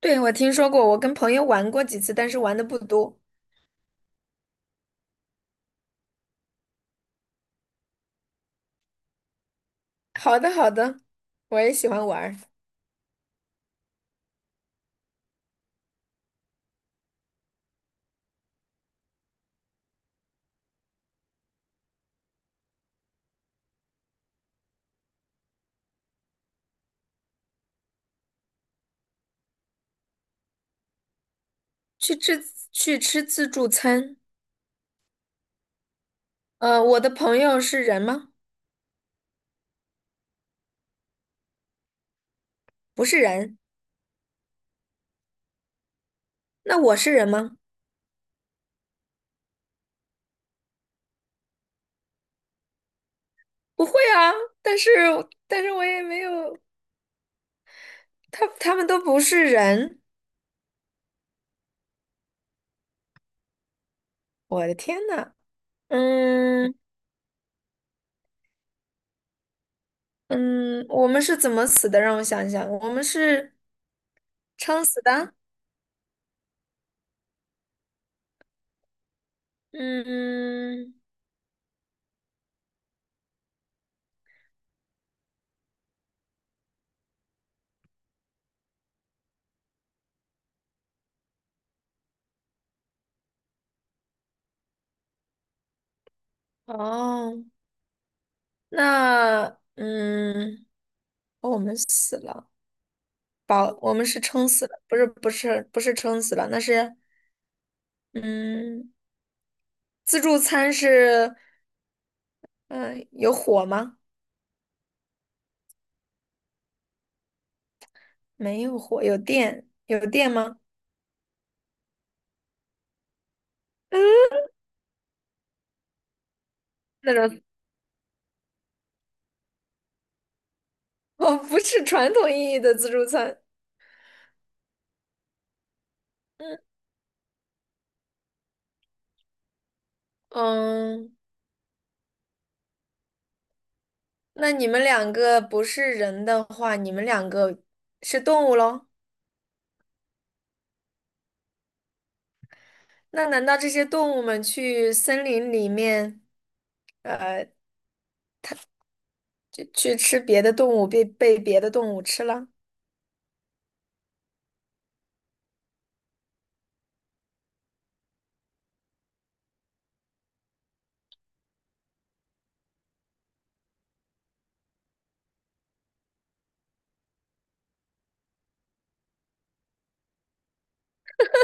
对，我听说过，我跟朋友玩过几次，但是玩的不多。好的，好的，我也喜欢玩儿。去吃去吃自助餐。我的朋友是人吗？不是人。那我是人吗？不会啊，但是但是我也没有，他们都不是人。我的天呐，嗯嗯，我们是怎么死的？让我想一想，我们是撑死的。嗯，哦，那嗯。哦我们死了，饱，我们是撑死了，不是撑死了，那是嗯，自助餐是有火吗？没有火，有电，有电吗？嗯，那种哦，不是传统意义的自助餐。嗯嗯，那你们两个不是人的话，你们两个是动物喽？那难道这些动物们去森林里面，呃，就去吃别的动物，被别的动物吃了？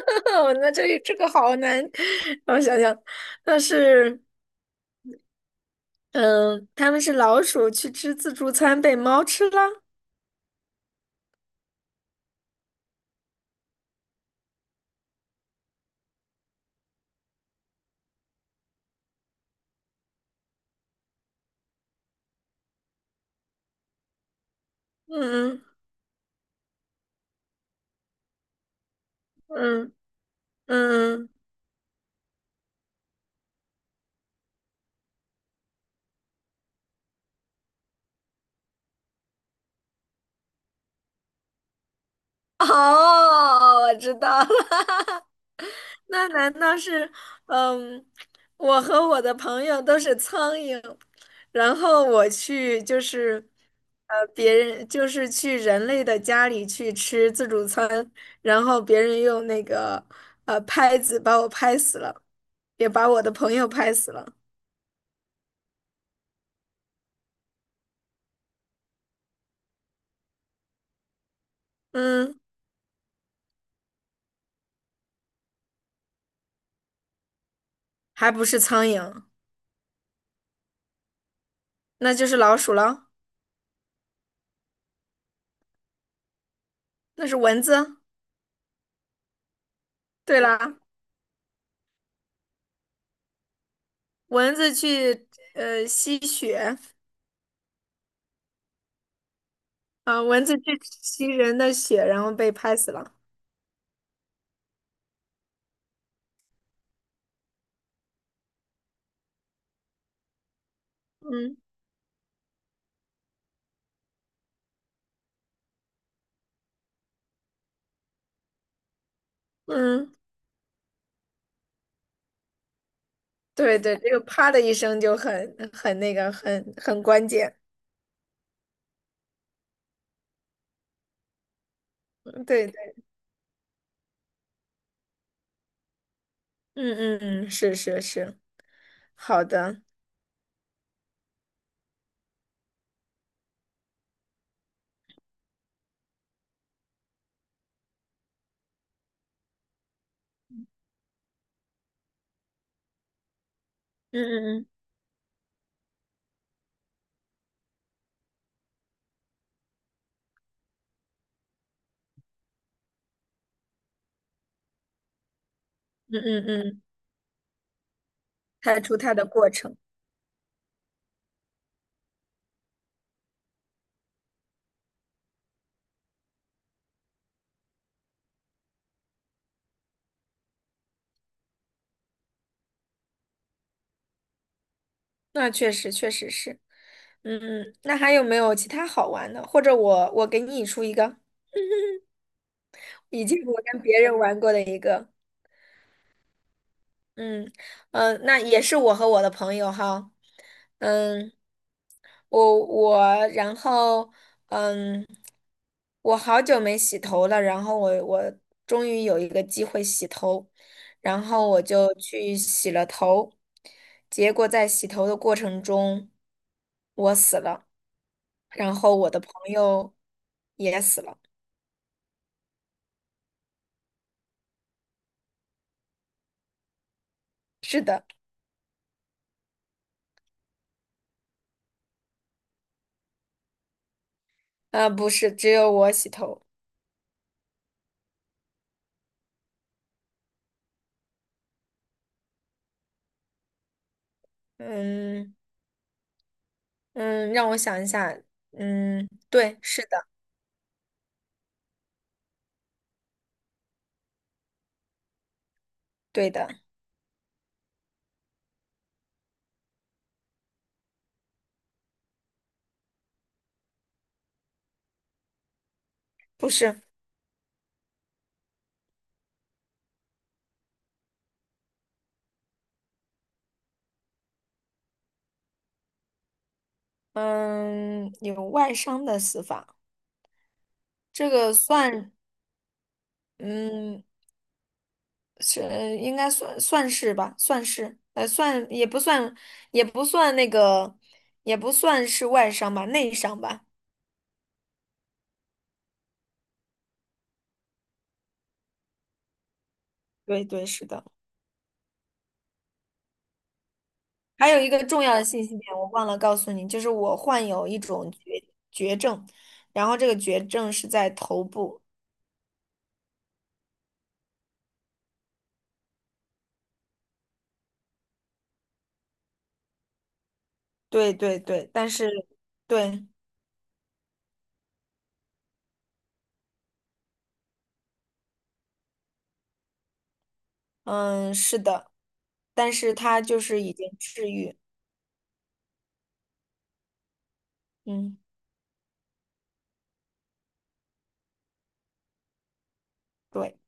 哦，那这个好难，让我想想，那是，嗯，他们是老鼠去吃自助餐被猫吃了，嗯嗯嗯嗯，哦，我知道了，那难道是，嗯，我和我的朋友都是苍蝇，然后我去就是，别人就是去人类的家里去吃自助餐，然后别人用那个拍子把我拍死了。也把我的朋友拍死了。嗯，还不是苍蝇，那就是老鼠了，那是蚊子。对啦，蚊子去吸血啊，蚊子去吸人的血，然后被拍死了。嗯嗯，对对，这个啪的一声就很那个，很关键。对对，嗯嗯嗯，是是是，好的，嗯嗯嗯嗯嗯嗯，拍出它的过程，那确实确实是。嗯，嗯，那还有没有其他好玩的？或者我给你出一个，以前我跟别人玩过的一个，嗯嗯、那也是我和我的朋友哈，嗯，我我然后嗯，我好久没洗头了，然后我终于有一个机会洗头，然后我就去洗了头，结果在洗头的过程中，我死了，然后我的朋友也死了。是的，不是，只有我洗头。嗯嗯，让我想一下。嗯，对，是的，对的，不是。嗯，有外伤的死法，这个算，嗯，是应该算是吧，算是，算也不算，也不算那个，也不算是外伤吧，内伤吧。对对，是的。还有一个重要的信息点，我忘了告诉你，就是我患有一种绝症，然后这个绝症是在头部。对对对，但是对，嗯，是的，但是他就是已经治愈。嗯，对，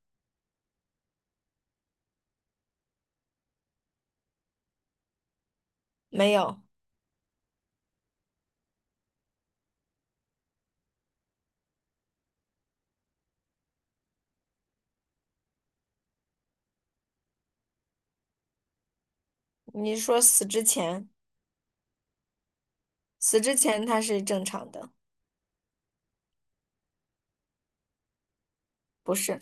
没有。你说死之前，死之前他是正常的，不是？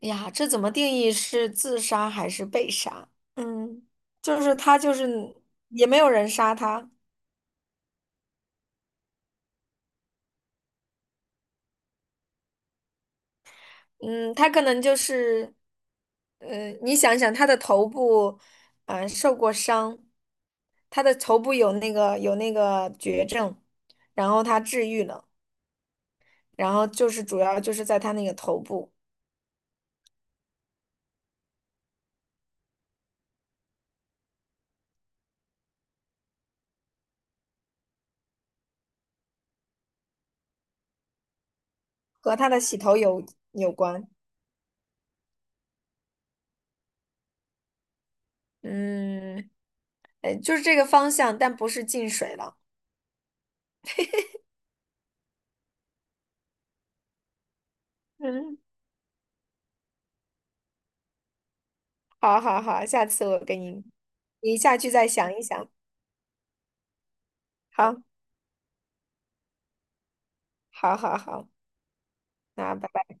哎呀，这怎么定义是自杀还是被杀？嗯，就是他就是也没有人杀他。嗯，他可能就是，你想想，他的头部，受过伤，他的头部有那个绝症，然后他治愈了，然后就是主要就是在他那个头部和他的洗头有关，嗯，就是这个方向，但不是进水了。嗯，好好好，下次我给你，你下去再想一想。好，好，好，好，那拜拜。